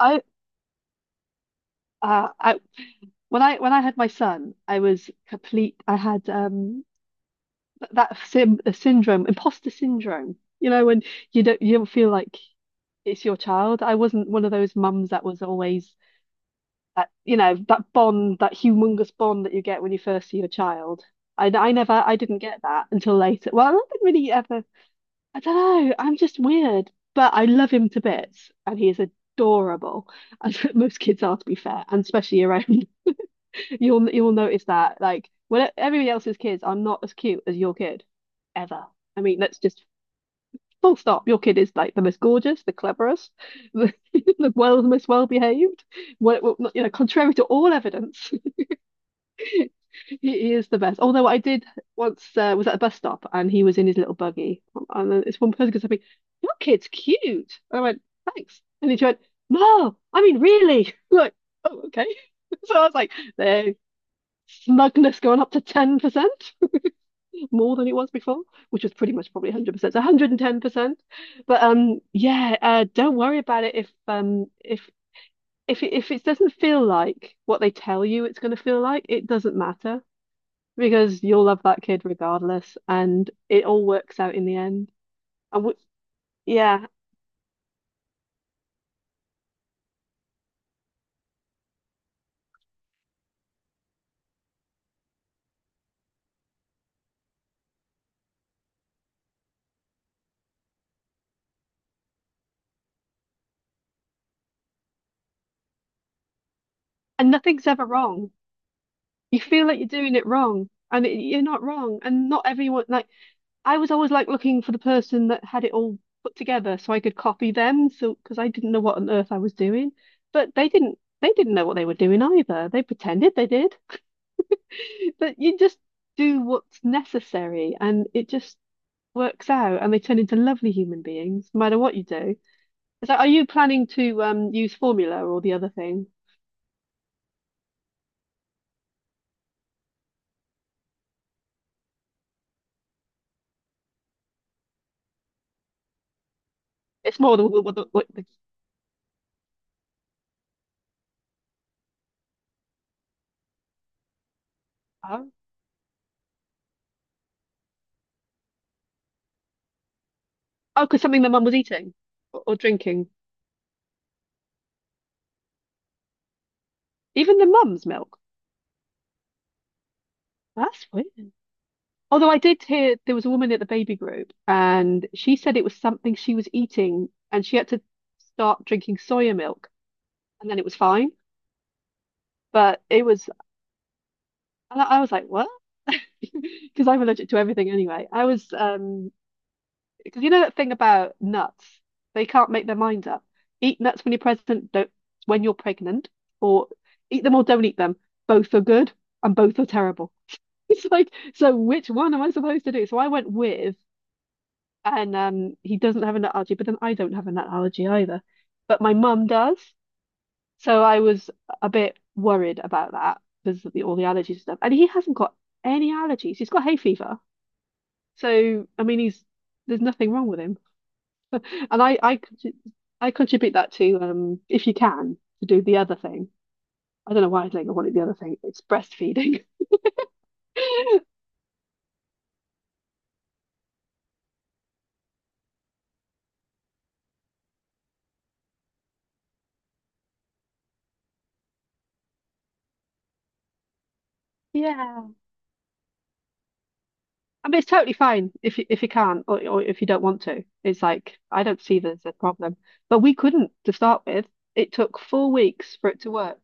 I I When I had my son, I was complete. I had th- that sim syndrome, imposter syndrome. You know, when you don't feel like it's your child. I wasn't one of those mums that was always that you know that bond, that humongous bond that you get when you first see your child. I didn't get that until later. Well, I didn't really ever. I don't know. I'm just weird, but I love him to bits, and he is adorable, as most kids are, to be fair, and especially around. You'll notice that like when everybody else's kids are not as cute as your kid ever. I mean, let's just full stop. Your kid is like the most gorgeous, the cleverest, the the most well behaved. Well, you know, contrary to all evidence, he, he is the best. Although I did once was at a bus stop and he was in his little buggy, and then this one person goes to me, "Your kid's cute," and I went, "Thanks," and he went, "No, I mean really." Like, oh, okay. So I was like, there, smugness going up to 10%, more than it was before, which was pretty much probably 100%, so 110%. But don't worry about it if if it doesn't feel like what they tell you it's going to feel like, it doesn't matter because you'll love that kid regardless, and it all works out in the end. And w yeah, and nothing's ever wrong. You feel like you're doing it wrong, and you're not wrong, and not everyone like I was always like looking for the person that had it all put together so I could copy them. So because I didn't know what on earth I was doing, but they didn't know what they were doing either. They pretended they did, but you just do what's necessary and it just works out and they turn into lovely human beings no matter what you do. So are you planning to use formula or the other thing? It's more the what the huh? Oh, because something the mum was eating or drinking. Even the mum's milk. That's weird. Although I did hear there was a woman at the baby group and she said it was something she was eating and she had to start drinking soya milk and then it was fine. But it was, and I was like, what? Because I'm allergic to everything anyway. I was, because you know that thing about nuts, they can't make their minds up. Eat nuts when you're pregnant, don't when you're pregnant, or eat them or don't eat them. Both are good and both are terrible. It's like, so which one am I supposed to do? So I went with and he doesn't have a nut allergy, but then I don't have a nut allergy either. But my mum does, so I was a bit worried about that because of all the allergies and stuff. And he hasn't got any allergies. He's got hay fever, so I mean, he's there's nothing wrong with him. And I contribute that to if you can to do the other thing. I don't know why I think I wanted the other thing. It's breastfeeding. Yeah. I mean, it's totally fine if you can't or if you don't want to. It's like, I don't see there's a problem. But we couldn't to start with. It took four weeks for it to work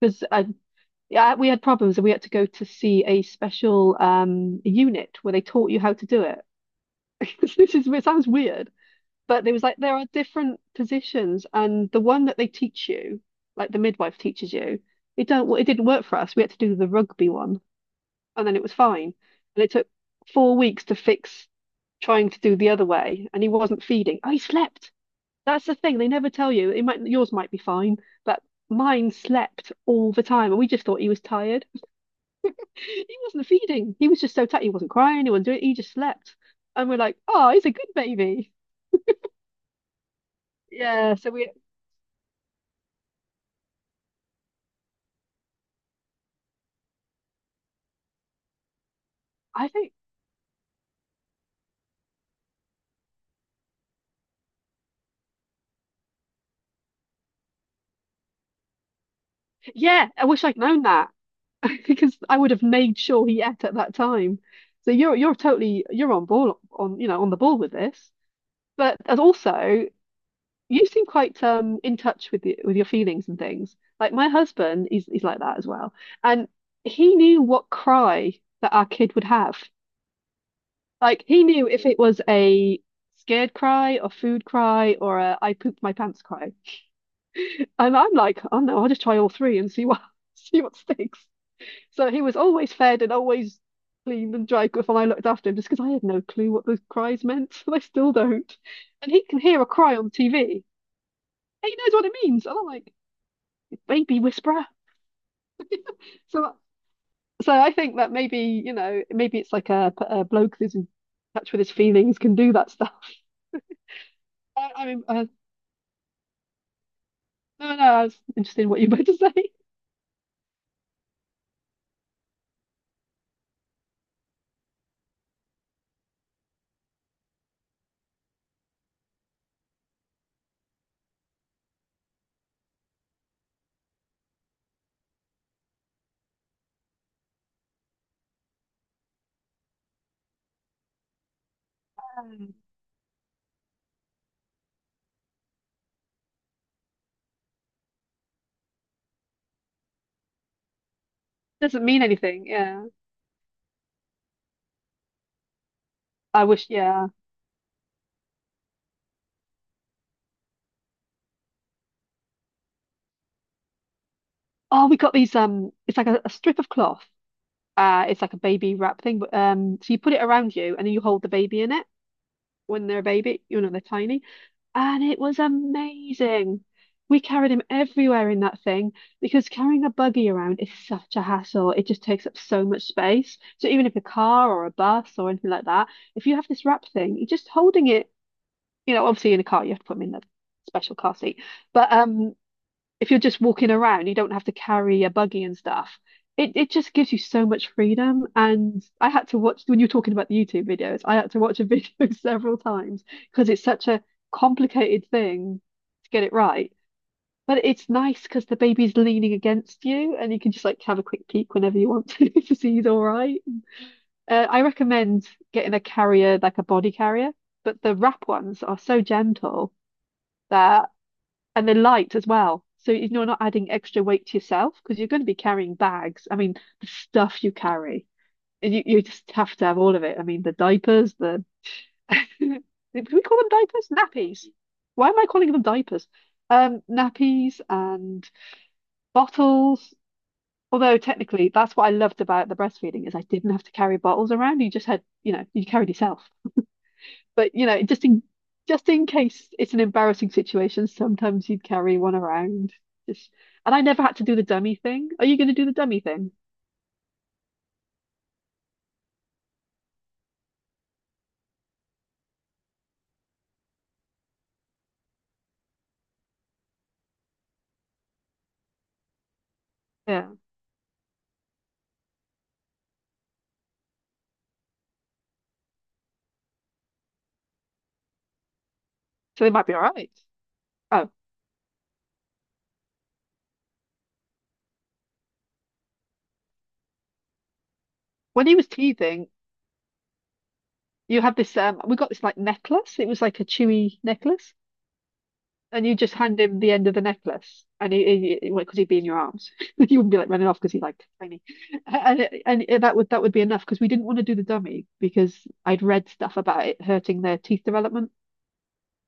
because yeah, we had problems and we had to go to see a special unit where they taught you how to do it. It sounds weird, but there was like, there are different positions and the one that they teach you, like the midwife teaches you, it didn't work for us. We had to do the rugby one and then it was fine. And it took four weeks to fix trying to do the other way and he wasn't feeding. I slept. That's the thing. They never tell you. It might yours might be fine, but mine slept all the time and we just thought he was tired. He wasn't feeding. He was just so tired. He wasn't crying, he wasn't doing it, he just slept. And we're like, oh, he's a good baby. Yeah, so we I think yeah, I wish I'd known that because I would have made sure he ate at that time. So you're on ball on you know on the ball with this. But as also you seem quite in touch with the, with your feelings and things. Like my husband, he's like that as well. And he knew what cry that our kid would have. Like he knew if it was a scared cry or food cry or a I pooped my pants cry. And I'm like, oh no, I'll just try all three and see what see what sticks. So he was always fed and always clean and dry goods, and I looked after him just because I had no clue what those cries meant. I still don't. And he can hear a cry on TV. And he knows what it means. And I'm like, baby whisperer. So, so I think that maybe, you know, maybe it's like a bloke who's in touch with his feelings can do that stuff. I, I mean, uh, no, no, I was interested in what you were about to say. Um, doesn't mean anything. Yeah. I wish, yeah. Oh, we got these, it's like a strip of cloth. It's like a baby wrap thing, but so you put it around you and then you hold the baby in it. When they're a baby, you know, they're tiny. And it was amazing. We carried him everywhere in that thing because carrying a buggy around is such a hassle. It just takes up so much space. So even if a car or a bus or anything like that, if you have this wrap thing, you're just holding it, you know, obviously in a car, you have to put him in the special car seat. But if you're just walking around, you don't have to carry a buggy and stuff. It just gives you so much freedom. And I had to watch when you're talking about the YouTube videos, I had to watch a video several times because it's such a complicated thing to get it right. But it's nice because the baby's leaning against you and you can just like have a quick peek whenever you want to to see he's all right. I recommend getting a carrier, like a body carrier, but the wrap ones are so gentle that and they're light as well. So you- are not adding extra weight to yourself because you're going to be carrying bags. I mean, the stuff you carry, you just have to have all of it. I mean, the diapers, the do we call them diapers? Nappies. Why am I calling them diapers? Nappies and bottles. Although technically, that's what I loved about the breastfeeding is I didn't have to carry bottles around. You just had, you know, you carried yourself. But you know, just in case it's an embarrassing situation, sometimes you'd carry one around. Just and I never had to do the dummy thing. Are you going to do the dummy thing? Yeah. So they might be all right. Oh, when he was teething, you have this we got this like necklace. It was like a chewy necklace. And you just hand him the end of the necklace, and 'cause he'd be in your arms. You wouldn't be like running off because he's like tiny, and and that would be enough because we didn't want to do the dummy because I'd read stuff about it hurting their teeth development.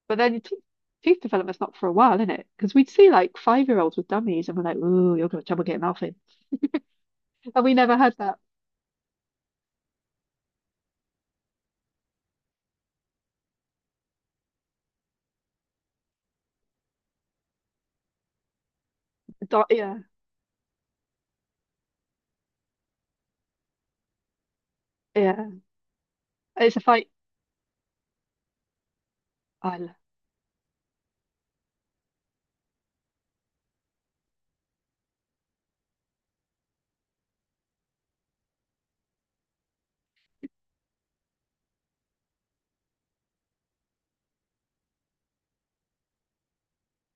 But then teeth development's not for a while, is it? Because we'd see like 5 year olds with dummies and we're like, ooh, you're gonna have trouble getting off in. And we never had that. Do- yeah, yeah. It's a fight. I l-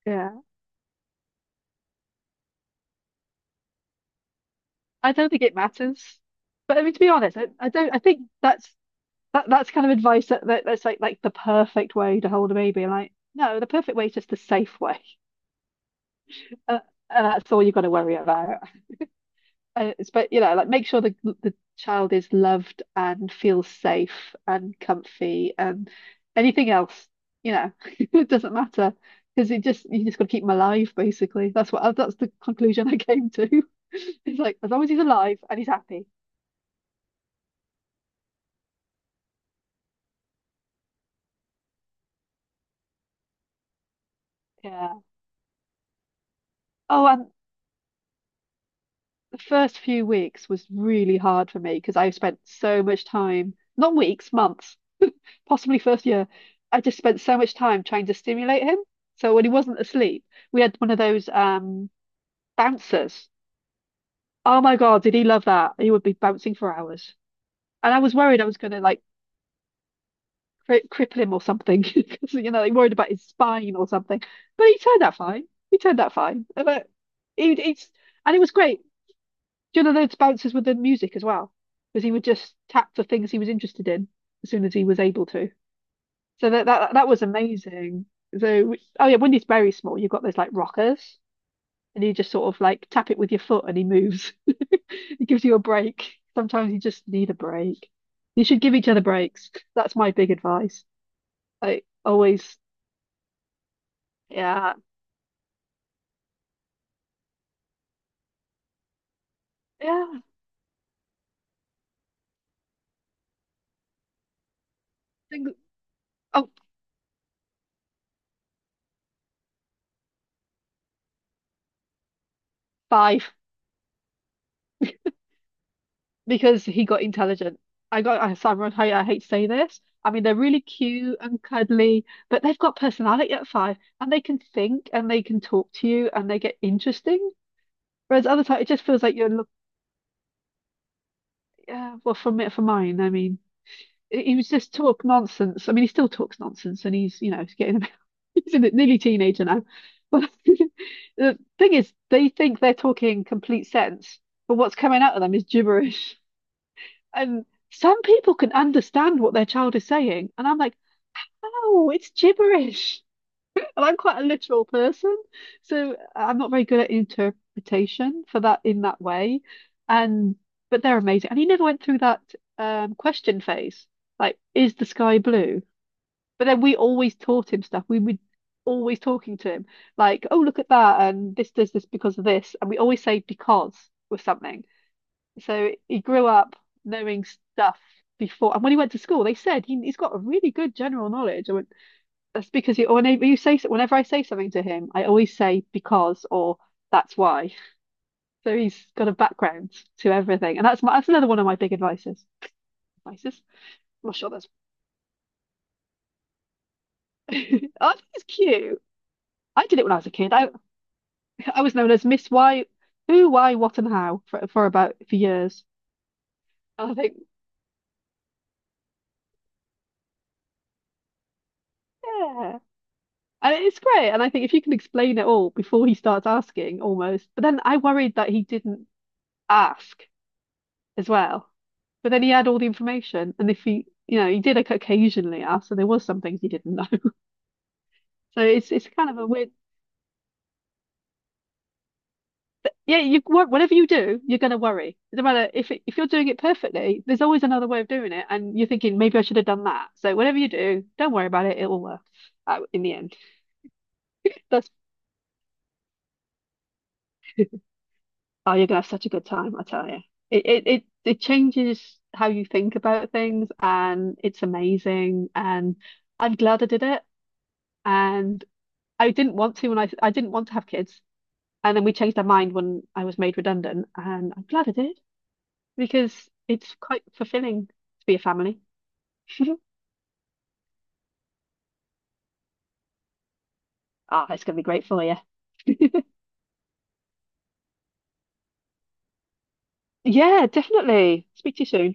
yeah. I don't think it matters. But I mean to be honest, I don't I think that that's kind of advice that that's like the perfect way to hold a baby. Like, no, the perfect way is just the safe way. Uh, and that's all you've got to worry about. And but you know like make sure the child is loved and feels safe and comfy and anything else you know it doesn't matter because it just you just got to keep him alive basically. That's what that's the conclusion I came to. It's like as long as he's alive and he's happy. Yeah, oh, and the first few weeks was really hard for me because I spent so much time, not weeks, months, possibly first year, I just spent so much time trying to stimulate him. So when he wasn't asleep, we had one of those bouncers. Oh my God, did he love that? He would be bouncing for hours. And I was worried I was going to like cripple him or something because you know they worried about his spine or something. But he turned out fine. He turned out fine. But he, it's, and it was great. Do you know those bouncers with the music as well? Because he would just tap for things he was interested in as soon as he was able to. So that was amazing. So, oh yeah, when he's very small, you've got those like rockers, and you just sort of like tap it with your foot, and he moves. It gives you a break. Sometimes you just need a break. You should give each other breaks. That's my big advice. I always, yeah, yeah. Think, oh, five, because he got intelligent. Simon, I hate to say this. I mean, they're really cute and cuddly, but they've got personality at five, and they can think and they can talk to you and they get interesting. Whereas other times it just feels like you're look. Yeah, well, for it for mine, I mean he was just talk nonsense. I mean he still talks nonsense and he's you know he's getting a bit he's in it, nearly teenager now. But the thing is they think they're talking complete sense, but what's coming out of them is gibberish. And some people can understand what their child is saying, and I'm like, oh, it's gibberish. And I'm quite a literal person, so I'm not very good at interpretation for that in that way. And but they're amazing. And he never went through that question phase, like, is the sky blue? But then we always taught him stuff. We would always talking to him, like, oh, look at that, and this does this because of this. And we always say because with something. So he grew up knowing stuff before. And when he went to school, they said he, he's got a really good general knowledge. I went, that's because you, whenever you say, whenever I say something to him, I always say because or that's why. So he's got a background to everything, and that's my, that's another one of my big advices. Advices? I'm not sure that's. I think it's cute. I did it when I was a kid. I was known as Miss Why, Who, Why, What, and How for about for years. And I think, yeah, and it's great. And I think if you can explain it all before he starts asking, almost. But then I worried that he didn't ask as well. But then he had all the information, and if he, you know, he did occasionally ask, so there was some things he didn't know. So it's kind of a weird. But yeah, whatever you do, you're going to worry. No matter if it, if you're doing it perfectly, there's always another way of doing it, and you're thinking maybe I should have done that. So whatever you do, don't worry about it. It will work out in the end. That's, oh, you're gonna have such a good time, I tell you. It changes how you think about things, and it's amazing. And I'm glad I did it. And I didn't want to when I didn't want to have kids, and then we changed our mind when I was made redundant, and I'm glad I did because it's quite fulfilling to be a family. Ah, it's gonna be great for you. Yeah, definitely. Speak to you soon.